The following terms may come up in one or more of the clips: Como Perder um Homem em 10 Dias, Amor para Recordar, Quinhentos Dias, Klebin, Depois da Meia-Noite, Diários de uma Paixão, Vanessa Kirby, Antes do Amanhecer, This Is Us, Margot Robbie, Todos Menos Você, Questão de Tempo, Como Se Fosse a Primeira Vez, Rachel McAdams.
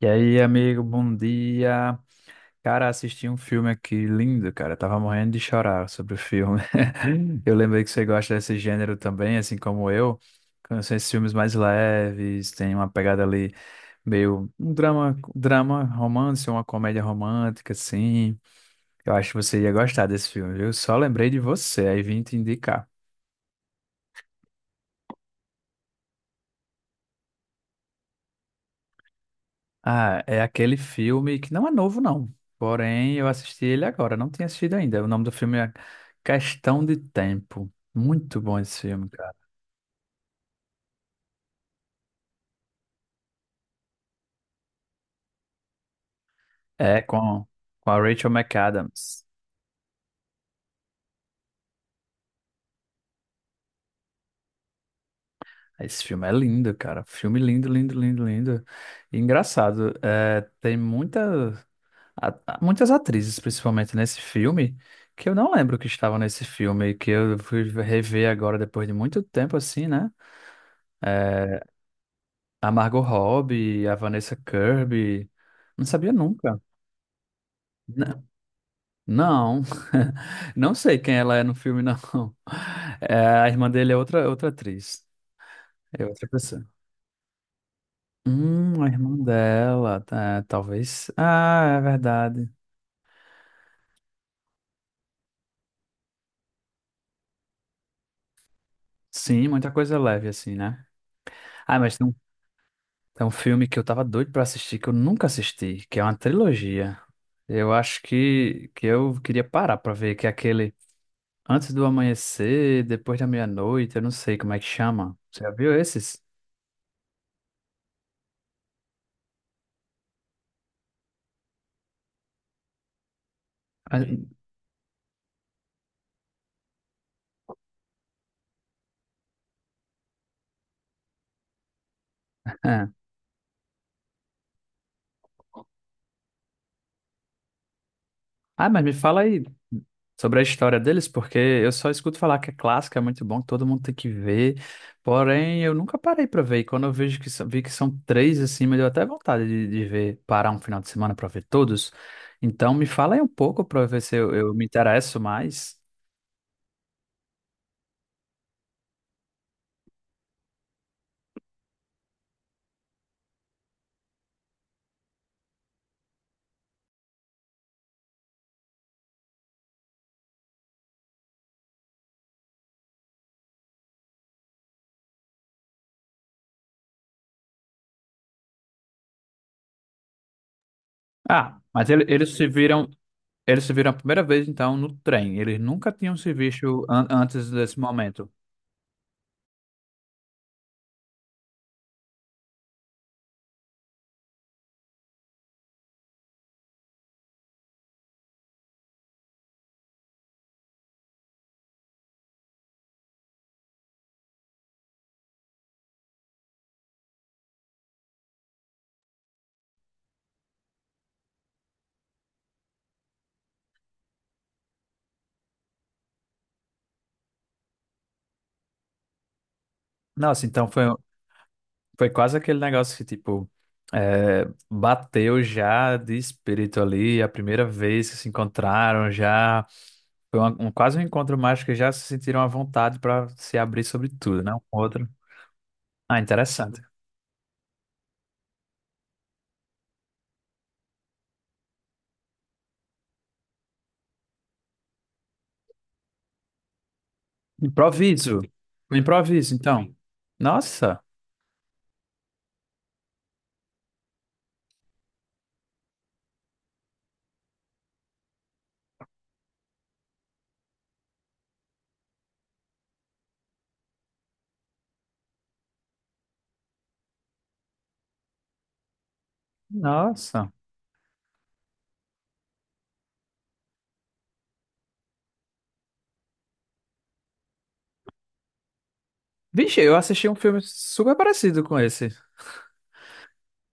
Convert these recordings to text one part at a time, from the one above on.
E aí, amigo, bom dia. Cara, assisti um filme aqui lindo, cara. Tava morrendo de chorar sobre o filme. Eu lembrei que você gosta desse gênero também, assim como eu. Com esses filmes mais leves, tem uma pegada ali meio um drama, drama romance, uma comédia romântica, assim. Eu acho que você ia gostar desse filme, viu? Só lembrei de você, aí vim te indicar. Ah, é aquele filme que não é novo, não. Porém, eu assisti ele agora, não tinha assistido ainda. O nome do filme é Questão de Tempo. Muito bom esse filme, cara. É com a Rachel McAdams. Esse filme é lindo, cara. Filme lindo, lindo, lindo, lindo. E engraçado, é, tem muita, muitas atrizes, principalmente nesse filme, que eu não lembro que estavam nesse filme, que eu fui rever agora depois de muito tempo, assim, né? É, a Margot Robbie, a Vanessa Kirby. Não sabia nunca. N- Não, não sei quem ela é no filme, não. É, a irmã dele é outra, outra atriz. É outra pessoa. A irmã dela, tá, talvez. Ah, é verdade. Sim, muita coisa leve assim, né? Ah, mas tem um, tem um filme que eu tava doido pra assistir, que eu nunca assisti, que é uma trilogia. Eu acho que eu queria parar pra ver, que é aquele. Antes do amanhecer, depois da meia-noite, eu não sei como é que chama. Você já viu esses? Ah, é. Ah, mas me fala aí sobre a história deles, porque eu só escuto falar que é clássico, é muito bom, que todo mundo tem que ver. Porém, eu nunca parei pra ver. E quando eu vejo vi que são três assim, me deu até vontade de ver, parar um final de semana pra ver todos. Então, me fala aí um pouco pra ver se eu me interesso mais. Eles se viram. Eles se viram a primeira vez, então, no trem. Eles nunca tinham se visto antes desse momento. Nossa, então foi, foi quase aquele negócio que, tipo, é, bateu já de espírito ali, a primeira vez que se encontraram, já foi quase um encontro mágico que já se sentiram à vontade para se abrir sobre tudo, né? Um com o outro. Ah, interessante. Improviso. Um improviso, então. Nossa, nossa. Vixe, eu assisti um filme super parecido com esse.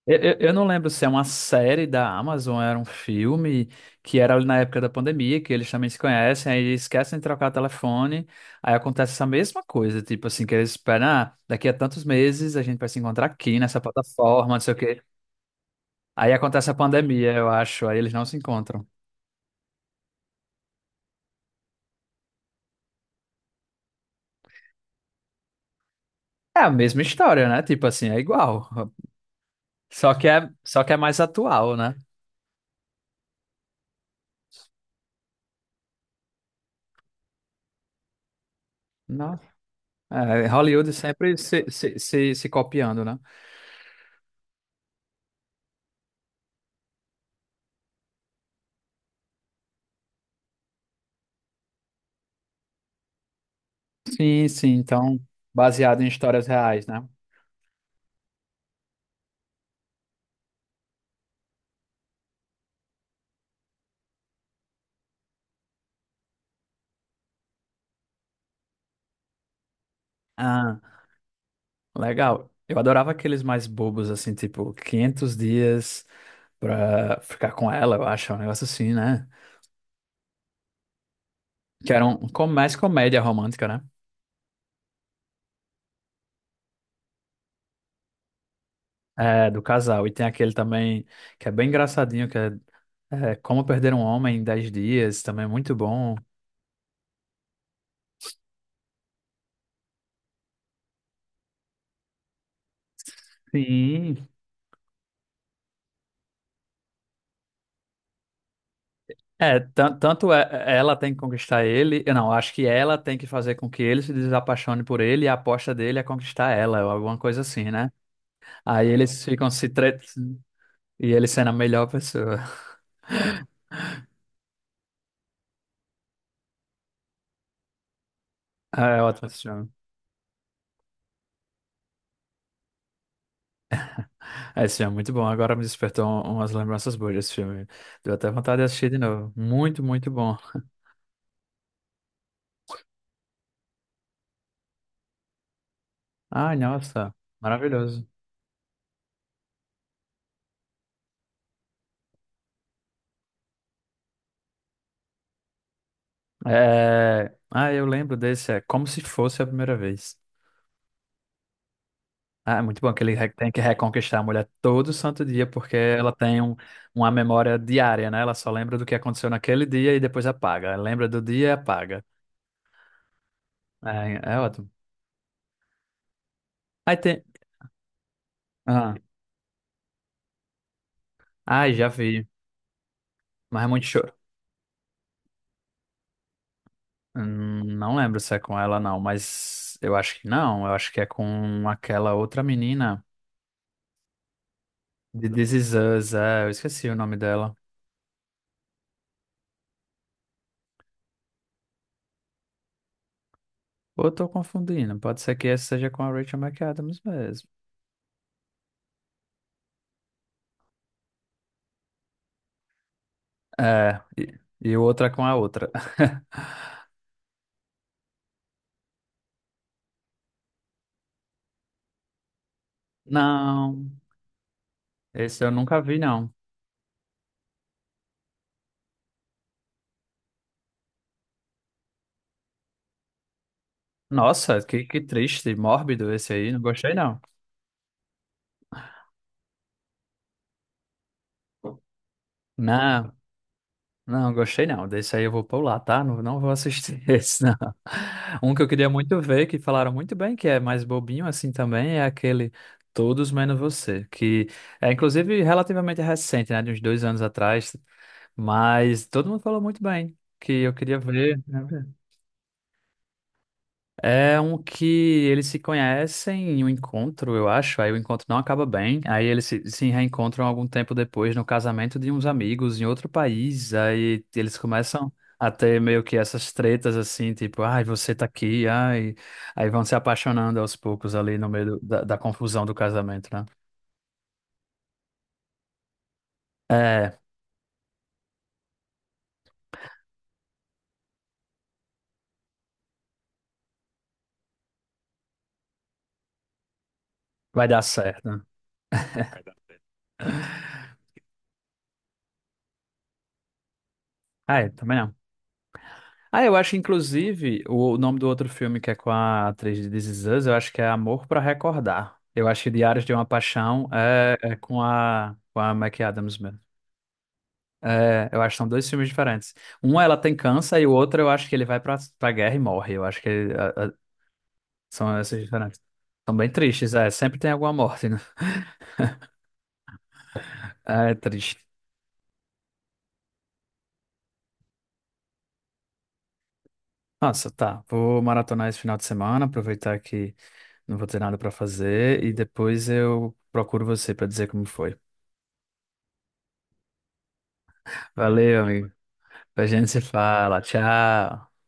Eu não lembro se é uma série da Amazon, era um filme que era ali na época da pandemia, que eles também se conhecem, aí eles esquecem de trocar telefone, aí acontece essa mesma coisa, tipo assim, que eles esperam, ah, daqui a tantos meses a gente vai se encontrar aqui nessa plataforma, não sei o quê. Aí acontece a pandemia, eu acho, aí eles não se encontram. É a mesma história, né? Tipo assim, é igual. Só que é mais atual, né? Não. É, Hollywood sempre se copiando, né? Sim, sim. Então, baseado em histórias reais, né? Ah, legal. Eu adorava aqueles mais bobos, assim, tipo quinhentos dias pra ficar com ela, eu acho, é um negócio assim, né? Que era mais comédia romântica, né? É, do casal. E tem aquele também que é bem engraçadinho, é Como Perder um Homem em 10 Dias, também é muito bom. Sim. É, tanto ela tem que conquistar ele, eu não, acho que ela tem que fazer com que ele se desapaixone por ele e a aposta dele é conquistar ela, ou alguma coisa assim, né? Aí eles ficam se tretando e ele sendo a melhor pessoa. Ah, é ótimo esse filme. É, esse filme é muito bom, agora me despertou umas lembranças boas desse filme. Deu até vontade de assistir de novo. Muito, muito bom. Ai, nossa, maravilhoso. É... Ah, eu lembro desse, é Como Se Fosse a Primeira Vez. Ah, é muito bom que ele tem que reconquistar a mulher todo santo dia, porque ela tem um, uma memória diária, né? Ela só lembra do que aconteceu naquele dia e depois apaga. Ela lembra do dia e apaga. É, é ótimo. Aí tem. Ah, ai, já vi. Mas é muito choro. Não lembro se é com ela, não, mas eu acho que não. Eu acho que é com aquela outra menina de This Is Us. É, eu esqueci o nome dela. Ou eu tô confundindo. Pode ser que essa seja com a Rachel McAdams mesmo. É, e, e outra com a outra. Não, esse eu nunca vi, não. Nossa, que triste, mórbido esse aí, não gostei, não. Não, não gostei, não. Desse aí eu vou pular, tá? Não, não vou assistir esse, não. Um que eu queria muito ver, que falaram muito bem, que é mais bobinho assim também, é aquele Todos Menos Você, que é inclusive relativamente recente, né? De uns dois anos atrás, mas todo mundo falou muito bem, que eu queria ver. Né? É um que eles se conhecem em um encontro, eu acho. Aí o encontro não acaba bem. Aí eles se reencontram algum tempo depois no casamento de uns amigos em outro país. Aí eles começam a ter meio que essas tretas assim, tipo, ai, você tá aqui, ai. Aí vão se apaixonando aos poucos ali no meio da confusão do casamento, né? É, vai dar certo. Né? Ai, também não. Ah, eu acho, inclusive, o nome do outro filme que é com a atriz de This Is Us, eu acho que é Amor para Recordar. Eu acho que Diários de uma Paixão com a Mac Adams mesmo. É, eu acho que são dois filmes diferentes. Um ela tem câncer e o outro eu acho que ele vai pra guerra e morre. Eu acho são esses diferentes. São bem tristes, é. Sempre tem alguma morte, né? É triste. Nossa, tá. Vou maratonar esse final de semana, aproveitar que não vou ter nada pra fazer e depois eu procuro você pra dizer como foi. Valeu, amigo. A gente se fala. Tchau.